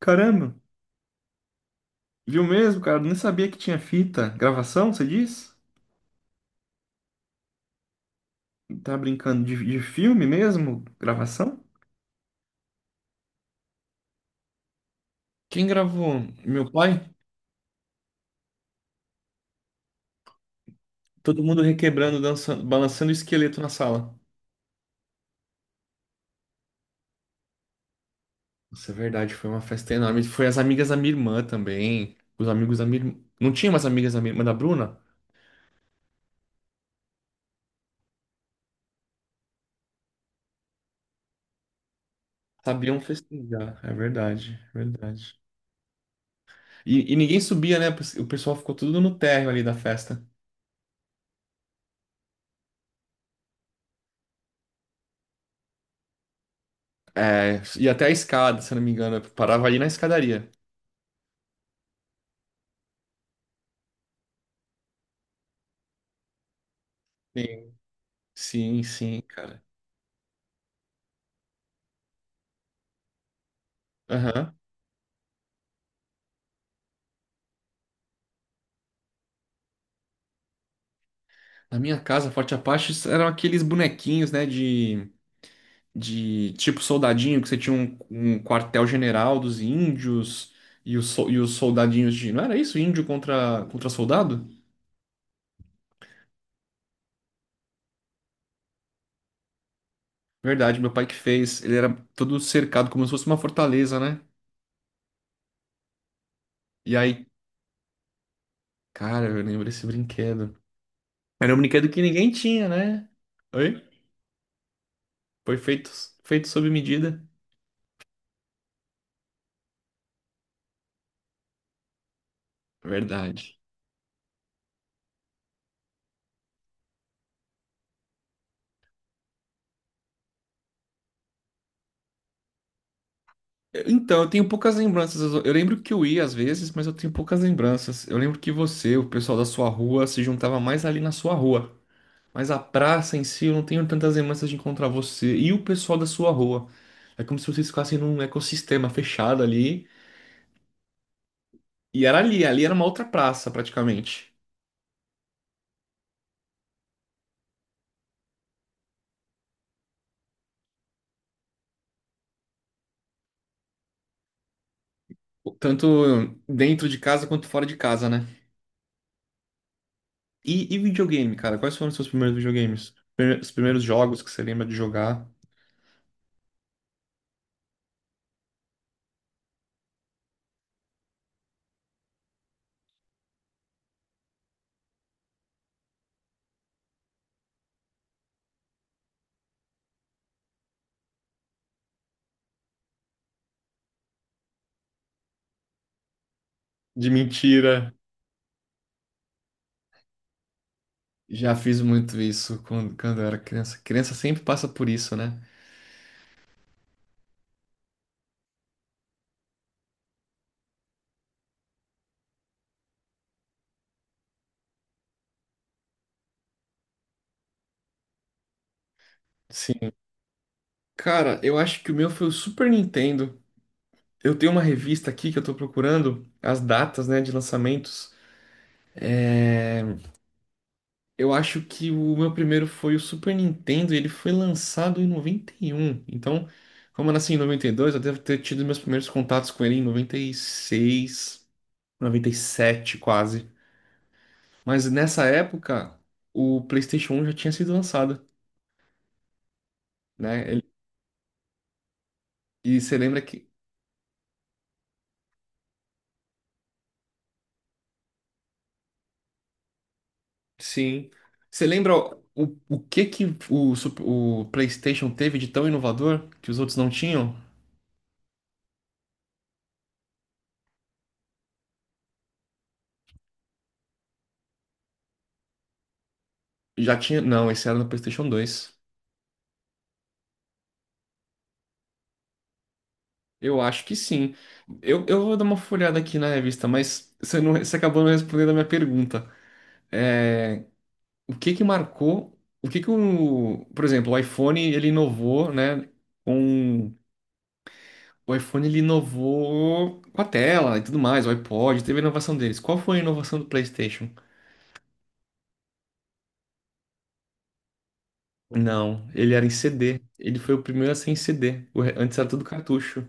Caramba, viu mesmo, cara? Eu nem sabia que tinha fita. Gravação, você diz? Tá brincando de filme mesmo? Gravação? Quem gravou? Meu pai? Todo mundo requebrando, dançando, balançando o esqueleto na sala. Nossa, é verdade, foi uma festa enorme. Foi as amigas da minha irmã também. Os amigos da minha irmã. Não tinha mais amigas da minha irmã da Bruna? Sabiam festejar, é verdade, é verdade. E ninguém subia, né? O pessoal ficou tudo no térreo ali da festa. É, e até a escada, se eu não me engano, parava ali na escadaria. Sim. Sim, sim, cara. Aham. Na minha casa, Forte Apache eram aqueles bonequinhos, né, de tipo soldadinho, que você tinha um quartel-general dos índios e e os soldadinhos de. Não era isso? Índio contra soldado? Verdade, meu pai que fez. Ele era todo cercado, como se fosse uma fortaleza, né? E aí, cara, eu lembro desse brinquedo. Era um brinquedo que ninguém tinha, né? Oi? Foi feito, feito sob medida. Verdade. Então, eu tenho poucas lembranças. Eu lembro que eu ia às vezes, mas eu tenho poucas lembranças. Eu lembro que você, o pessoal da sua rua, se juntava mais ali na sua rua. Mas a praça em si, eu não tenho tantas lembranças de encontrar você e o pessoal da sua rua. É como se vocês ficassem num ecossistema fechado ali. E era ali, ali era uma outra praça, praticamente. Tanto dentro de casa quanto fora de casa, né? E videogame, cara? Quais foram os seus primeiros videogames? Os primeiros jogos que você lembra de jogar? De mentira. Já fiz muito isso quando eu era criança. Criança sempre passa por isso, né? Sim. Cara, eu acho que o meu foi o Super Nintendo. Eu tenho uma revista aqui que eu tô procurando as datas, né, de lançamentos. É, eu acho que o meu primeiro foi o Super Nintendo e ele foi lançado em noventa e um. Então, como eu nasci em 92, eu devo ter tido meus primeiros contatos com ele em noventa noventa e seis, noventa e sete quase. Mas nessa época, o PlayStation 1 já tinha sido lançado, né? E você lembra que... Sim. Você lembra o que que o, Sup- o PlayStation teve de tão inovador que os outros não tinham? Já tinha? Não, esse era no PlayStation 2. Eu acho que sim. Eu vou dar uma folhada aqui na revista, mas você, não, você acabou não respondendo a minha pergunta. É, o que que marcou? O que que por exemplo, o iPhone ele inovou, né? Com o iPhone ele inovou com a tela e tudo mais, o iPod, teve a inovação deles. Qual foi a inovação do PlayStation? Não, ele era em CD. Ele foi o primeiro a ser em CD. Antes era tudo cartucho.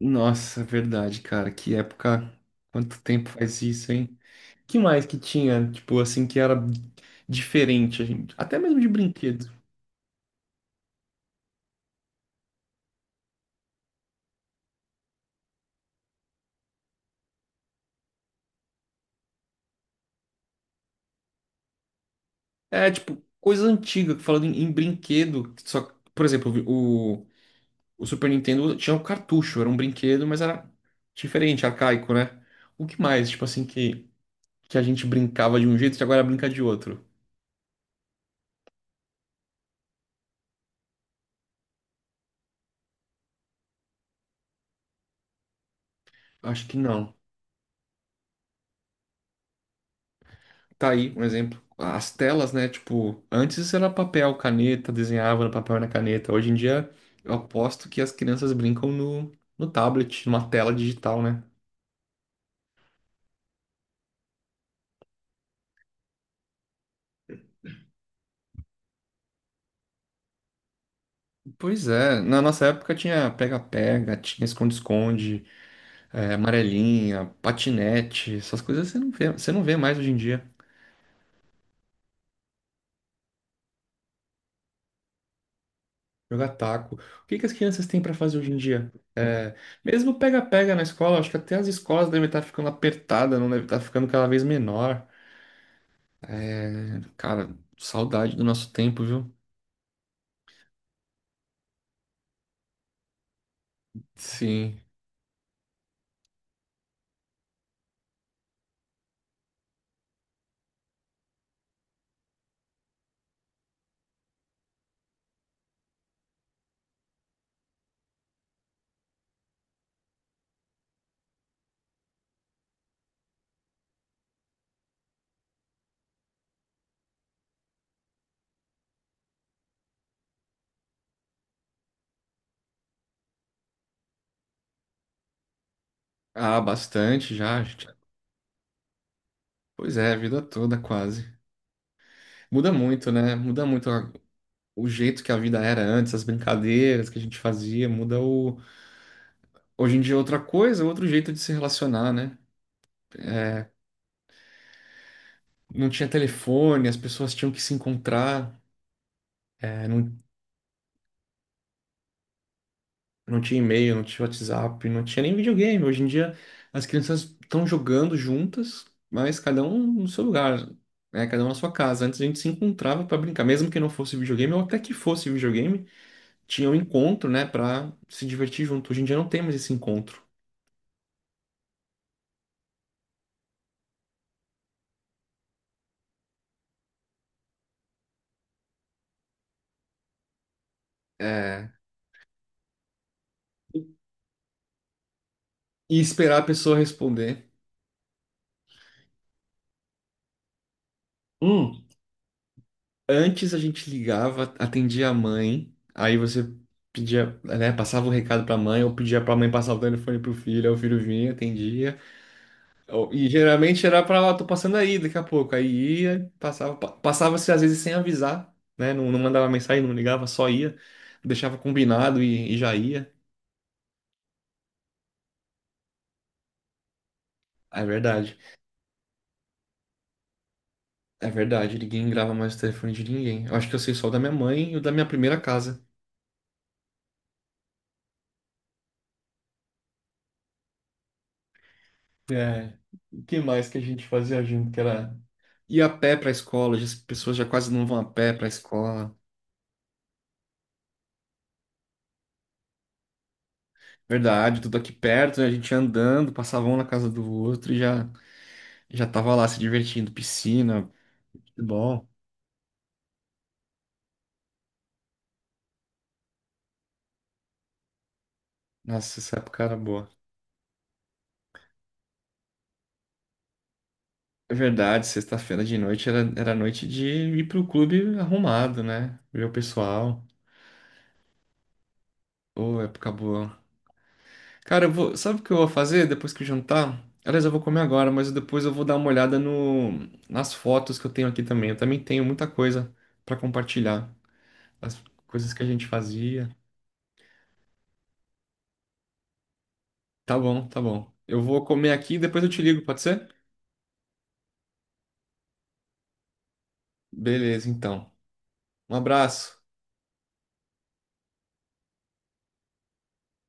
Nossa, verdade, cara. Que época. Quanto tempo faz isso, hein? Que mais que tinha, tipo, assim, que era diferente, a gente? Até mesmo de brinquedo. É, tipo, coisa antiga, falando em brinquedo. Só, por exemplo, o Super Nintendo tinha um cartucho, era um brinquedo, mas era diferente, arcaico, né? O que mais, tipo assim, que a gente brincava de um jeito e agora brinca de outro? Acho que não. Tá aí um exemplo. As telas, né? Tipo, antes era papel, caneta, desenhava no papel e na caneta. Hoje em dia, eu aposto que as crianças brincam no tablet, numa tela digital, né? Pois é, na nossa época tinha pega-pega, tinha esconde-esconde, é, amarelinha, patinete, essas coisas você não vê mais hoje em dia. Jogar taco. O que que as crianças têm para fazer hoje em dia? É, mesmo pega-pega na escola, acho que até as escolas devem estar ficando apertadas, não deve estar ficando cada vez menor. Cara, saudade do nosso tempo, viu? Sim. Ah, bastante já. Pois é, a vida toda quase. Muda muito, né? O jeito que a vida era antes, as brincadeiras que a gente fazia, muda o. Hoje em dia é outra coisa, outro jeito de se relacionar, né? É, não tinha telefone, as pessoas tinham que se encontrar, é, não Não tinha e-mail, não tinha WhatsApp, não tinha nem videogame. Hoje em dia as crianças estão jogando juntas, mas cada um no seu lugar, né? Cada um na sua casa. Antes a gente se encontrava para brincar, mesmo que não fosse videogame, ou até que fosse videogame, tinha um encontro, né, para se divertir junto. Hoje em dia não tem mais esse encontro. É, e esperar a pessoa responder. Hum, antes a gente ligava, atendia a mãe, aí você pedia, né, passava o recado para a mãe, ou pedia para a mãe passar o telefone pro filho, aí o filho vinha, atendia. Ó, e geralmente era pra lá, tô passando aí daqui a pouco. Aí ia, passava, passava-se às vezes sem avisar, né? Não, não mandava mensagem, não ligava, só ia, deixava combinado e já ia. É verdade, é verdade. Ninguém grava mais o telefone de ninguém. Eu acho que eu sei só o da minha mãe e o da minha primeira casa. É, o que mais que a gente fazia junto? Que era ir a pé pra escola, as pessoas já quase não vão a pé pra escola. Verdade, tudo aqui perto, né? A gente ia andando, passava um na casa do outro e já tava lá se divertindo, piscina. Bom, nossa, essa época era boa. É verdade, sexta-feira de noite era noite de ir pro clube arrumado, né? Ver o pessoal. Ô, época boa. Cara, eu vou, sabe o que eu vou fazer depois que eu jantar? Aliás, eu vou comer agora, mas depois eu vou dar uma olhada no, nas fotos que eu tenho aqui também. Eu também tenho muita coisa pra compartilhar. As coisas que a gente fazia. Tá bom, tá bom. Eu vou comer aqui e depois eu te ligo, pode ser? Beleza, então. Um abraço.